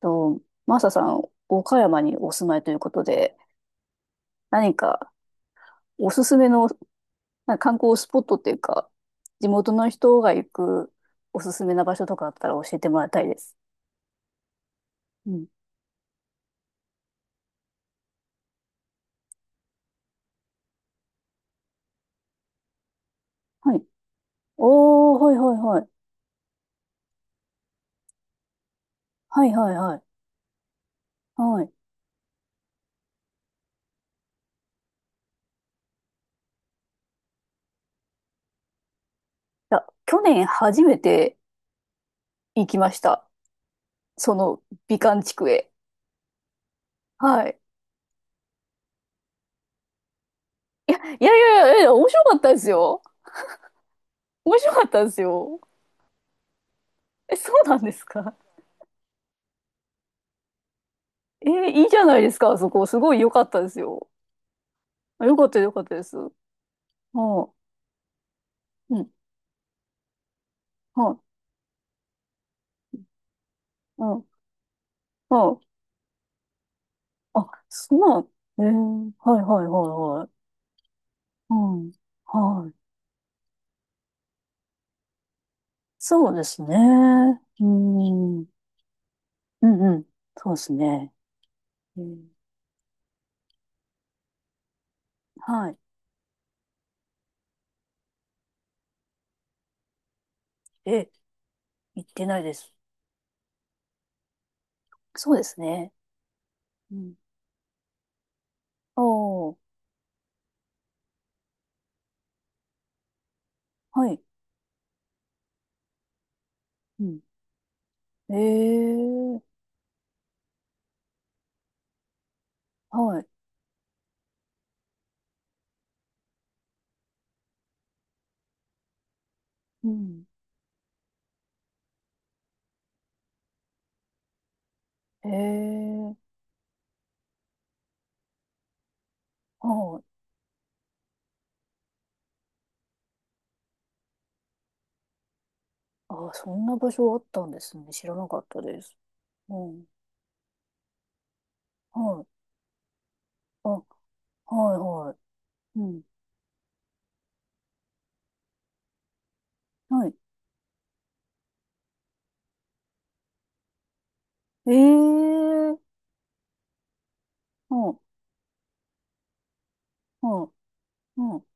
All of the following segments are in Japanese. と、マサさん、岡山にお住まいということで、何かおすすめのなんか観光スポットっていうか、地元の人が行くおすすめな場所とかあったら教えてもらいたいです。うん。はい。おー、はいはいはい。はいはいはい。はい。いや、去年初めて行きました。その美観地区へ。はい。いや、いやいやいや、いや面白かったですよ。面白かったですよ。え、そうなんですか。えー、いいじゃないですか、あそこ。すごい良かったですよ。あ、よかったよかったです。はい、うん。はい。うん。はい。あ、そうなん。ええ、はいはいはいはい。うん。はい。そうですね。うん。うんうん。そうですね。うん、はい。え、行ってないです。そうですね。うん。あ、はい。うん。ええ、はい。うん。ええ、はい。あ、そんな場所あったんですね。知らなかったです。うん。はい。あ、はいはい。うん。はい。ええー。うん。うん。うん。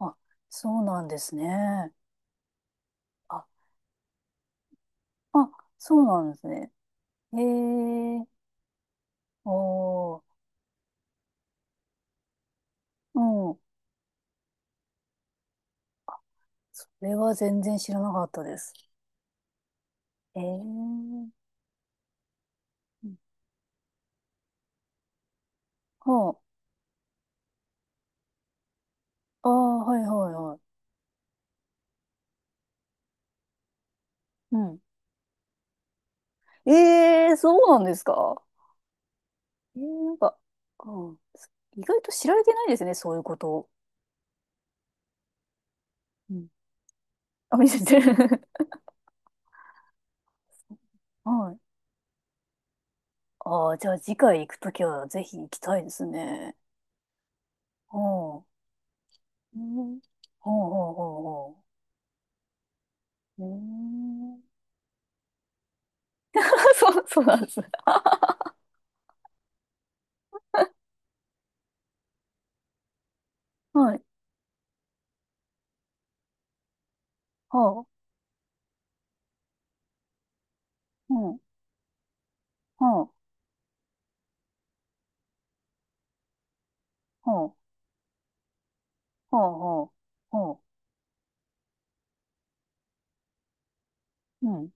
あ、そうなんですね。あ、あ、そうなんですね。ええー。おー。うん。それは全然知らなかったです。ええー。はあ。ああ、はいはいはい。うん。ええー、そうなんですか。なんか、うん。意外と知られてないですね、そういうことを。うん。あ、見せてる。はい。ああ、じゃあ次回行くときはぜひ行きたいですね。ほう。うん。ほうほうほうほう。うん。そう、そうなんですね。はい。ほう。うん。ほう。ほう。ほうほう。ほう。うん。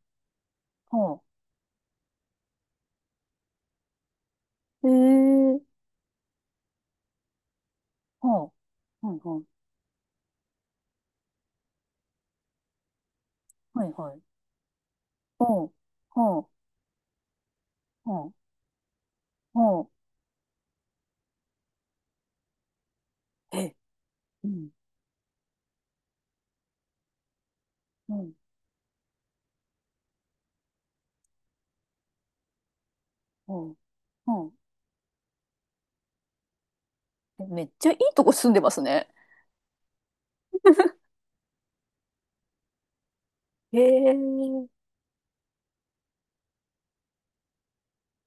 ほう。えー。ほう。はいはい。はいはい。ほう。ほう。ほう。ほう。え。うん。うん。ほう。ほう。え、めっちゃいいとこ住んでますね。えー。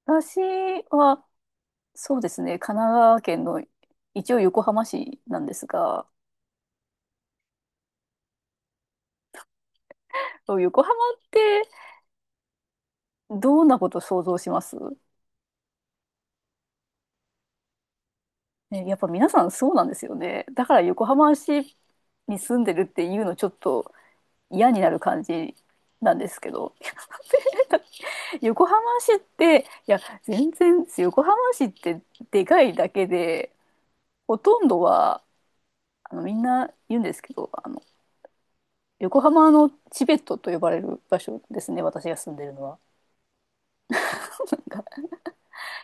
私は、そうですね、神奈川県の一応横浜市なんですが、そう、横浜ってどんなこと想像します？ね、やっぱ皆さんそうなんですよね。だから横浜市に住んでるっていうのちょっと嫌になる感じなんですけど。横浜市って、いや、全然、横浜市ってでかいだけで、ほとんどは、あの、みんな言うんですけど、あの、横浜のチベットと呼ばれる場所ですね、私が住んでるのは。が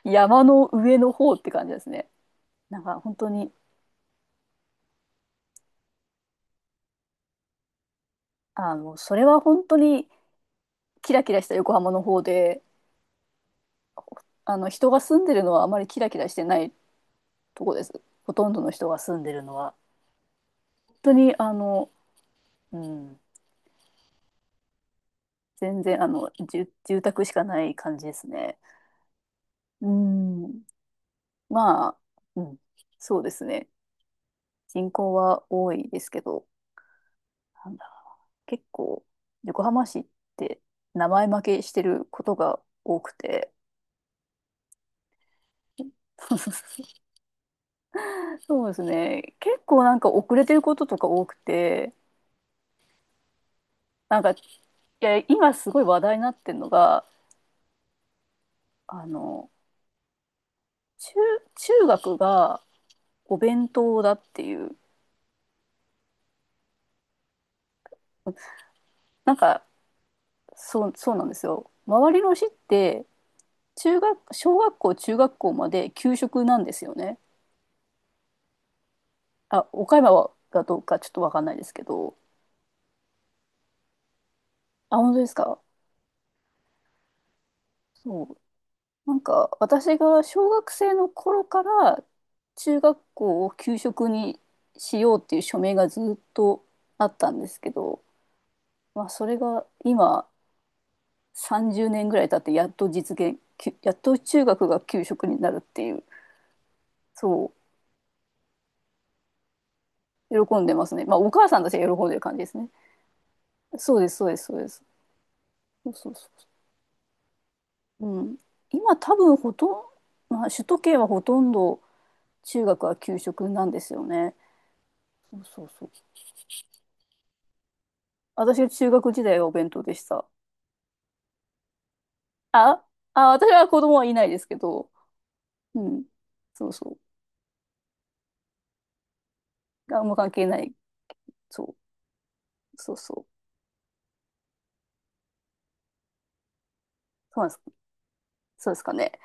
山の上の方って感じですね。なんか本当に、あの、それは本当にキラキラした横浜の方で、あの人が住んでるのはあまりキラキラしてないとこです。ほとんどの人が住んでるのは本当にあの、うん、全然あの住宅しかない感じですね。うん。まあ、うん、そうですね。人口は多いですけど、なんだ、結構横浜市って名前負けしてることが多くて。 そうですね。結構なんか遅れてることとか多くて。なんか、いや、今すごい話題になってるのが、あの、中、中学がお弁当だっていう、なんか、そう、そうなんですよ。周りの市って、中学、小学校、中学校まで給食なんですよね。あ、岡山はがどうかちょっとわかんないですけど。あ、本当ですか。そう。なんか、私が小学生の頃から中学校を給食にしようっていう署名がずっとあったんですけど、まあ、それが今、30年ぐらい経って、やっと中学が給食になるっていう、そう、喜んでますね。まあ、お母さんたちが喜んでる感じですね。そうです、そうです、そうです。そう、そう、そう、うん、今多分ほとんど、まあ、首都圏はほとんど中学は給食なんですよね。そう、そう、そう。私は中学時代はお弁当でした。ああ、私は子供はいないですけど。うん。そう、そう、あんま関係ない。そう、そう、そう。そうなんです。そうですかね。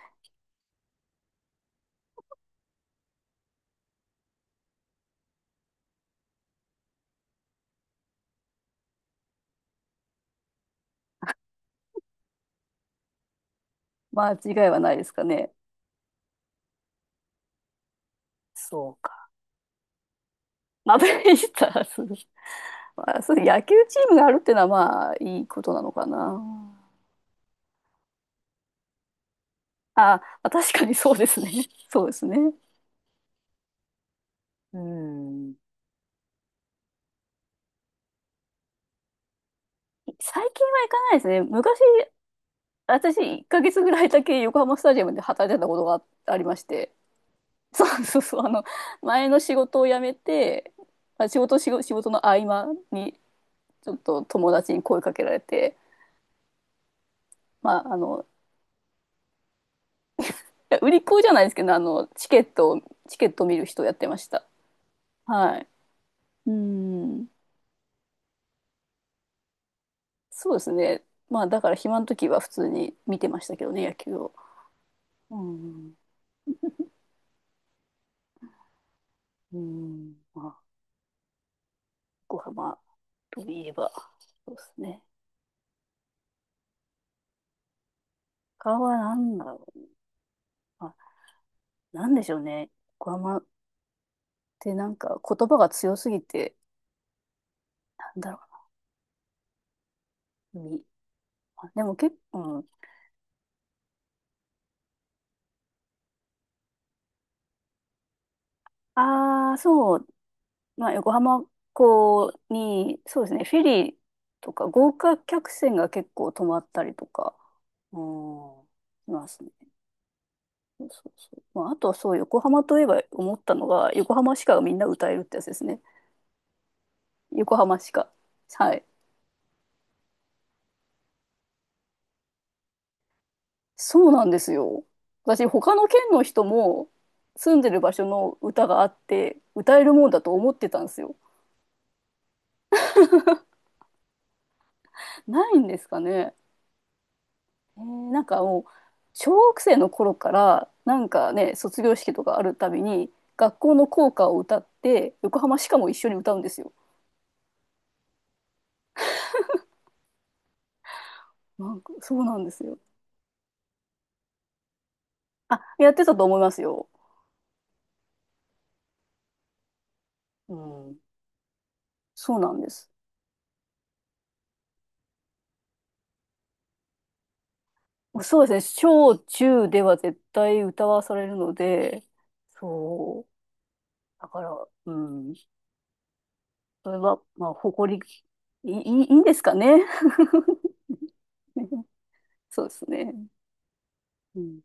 間違いはないですかね。そうか。マブレスターズ。まあ、そうです。野球チームがあるっていうのはまあいいことなのかな。あ確かにそうですね。そうですね。うん。最近は行かないですね。昔、私1ヶ月ぐらいだけ横浜スタジアムで働いてたことがありまして。そう、そう、そう。あの、前の仕事を辞めて、まあ、仕事の合間にちょっと友達に声かけられて、まああの、いや、売り子じゃないですけど、あの、チケットを見る人をやってました。はい。うん。そうですね。まあ、だから暇の時は普通に見てましたけどね、野球を。うん。うん。まあ、横浜といえば、そうですね。他は何だろう。まあ、なんでしょうね。横浜ってなんか言葉が強すぎて、なんだろう。でも結構、うん、ああ、そう。まあ、横浜港に、そうですね、フェリーとか豪華客船が結構止まったりとか、うん、しますね。そう、そう。まあ、あとはそう、横浜といえば思ったのが、横浜しかみんな歌えるってやつですね。横浜しか。はい。そうなんですよ。私、他の県の人も住んでる場所の歌があって、歌えるもんだと思ってたんですよ。ないんですかね。なんかもう、小学生の頃から、なんかね、卒業式とかあるたびに、学校の校歌を歌って、横浜しかも一緒に歌うんですよ。なんか、そうなんですよ。あ、やってたと思いますよ。うん。そうなんです。そうですね。小中では絶対歌わされるので、そう。だから、うん。それは、まあ、誇り、いいんですかね。そうですね。うん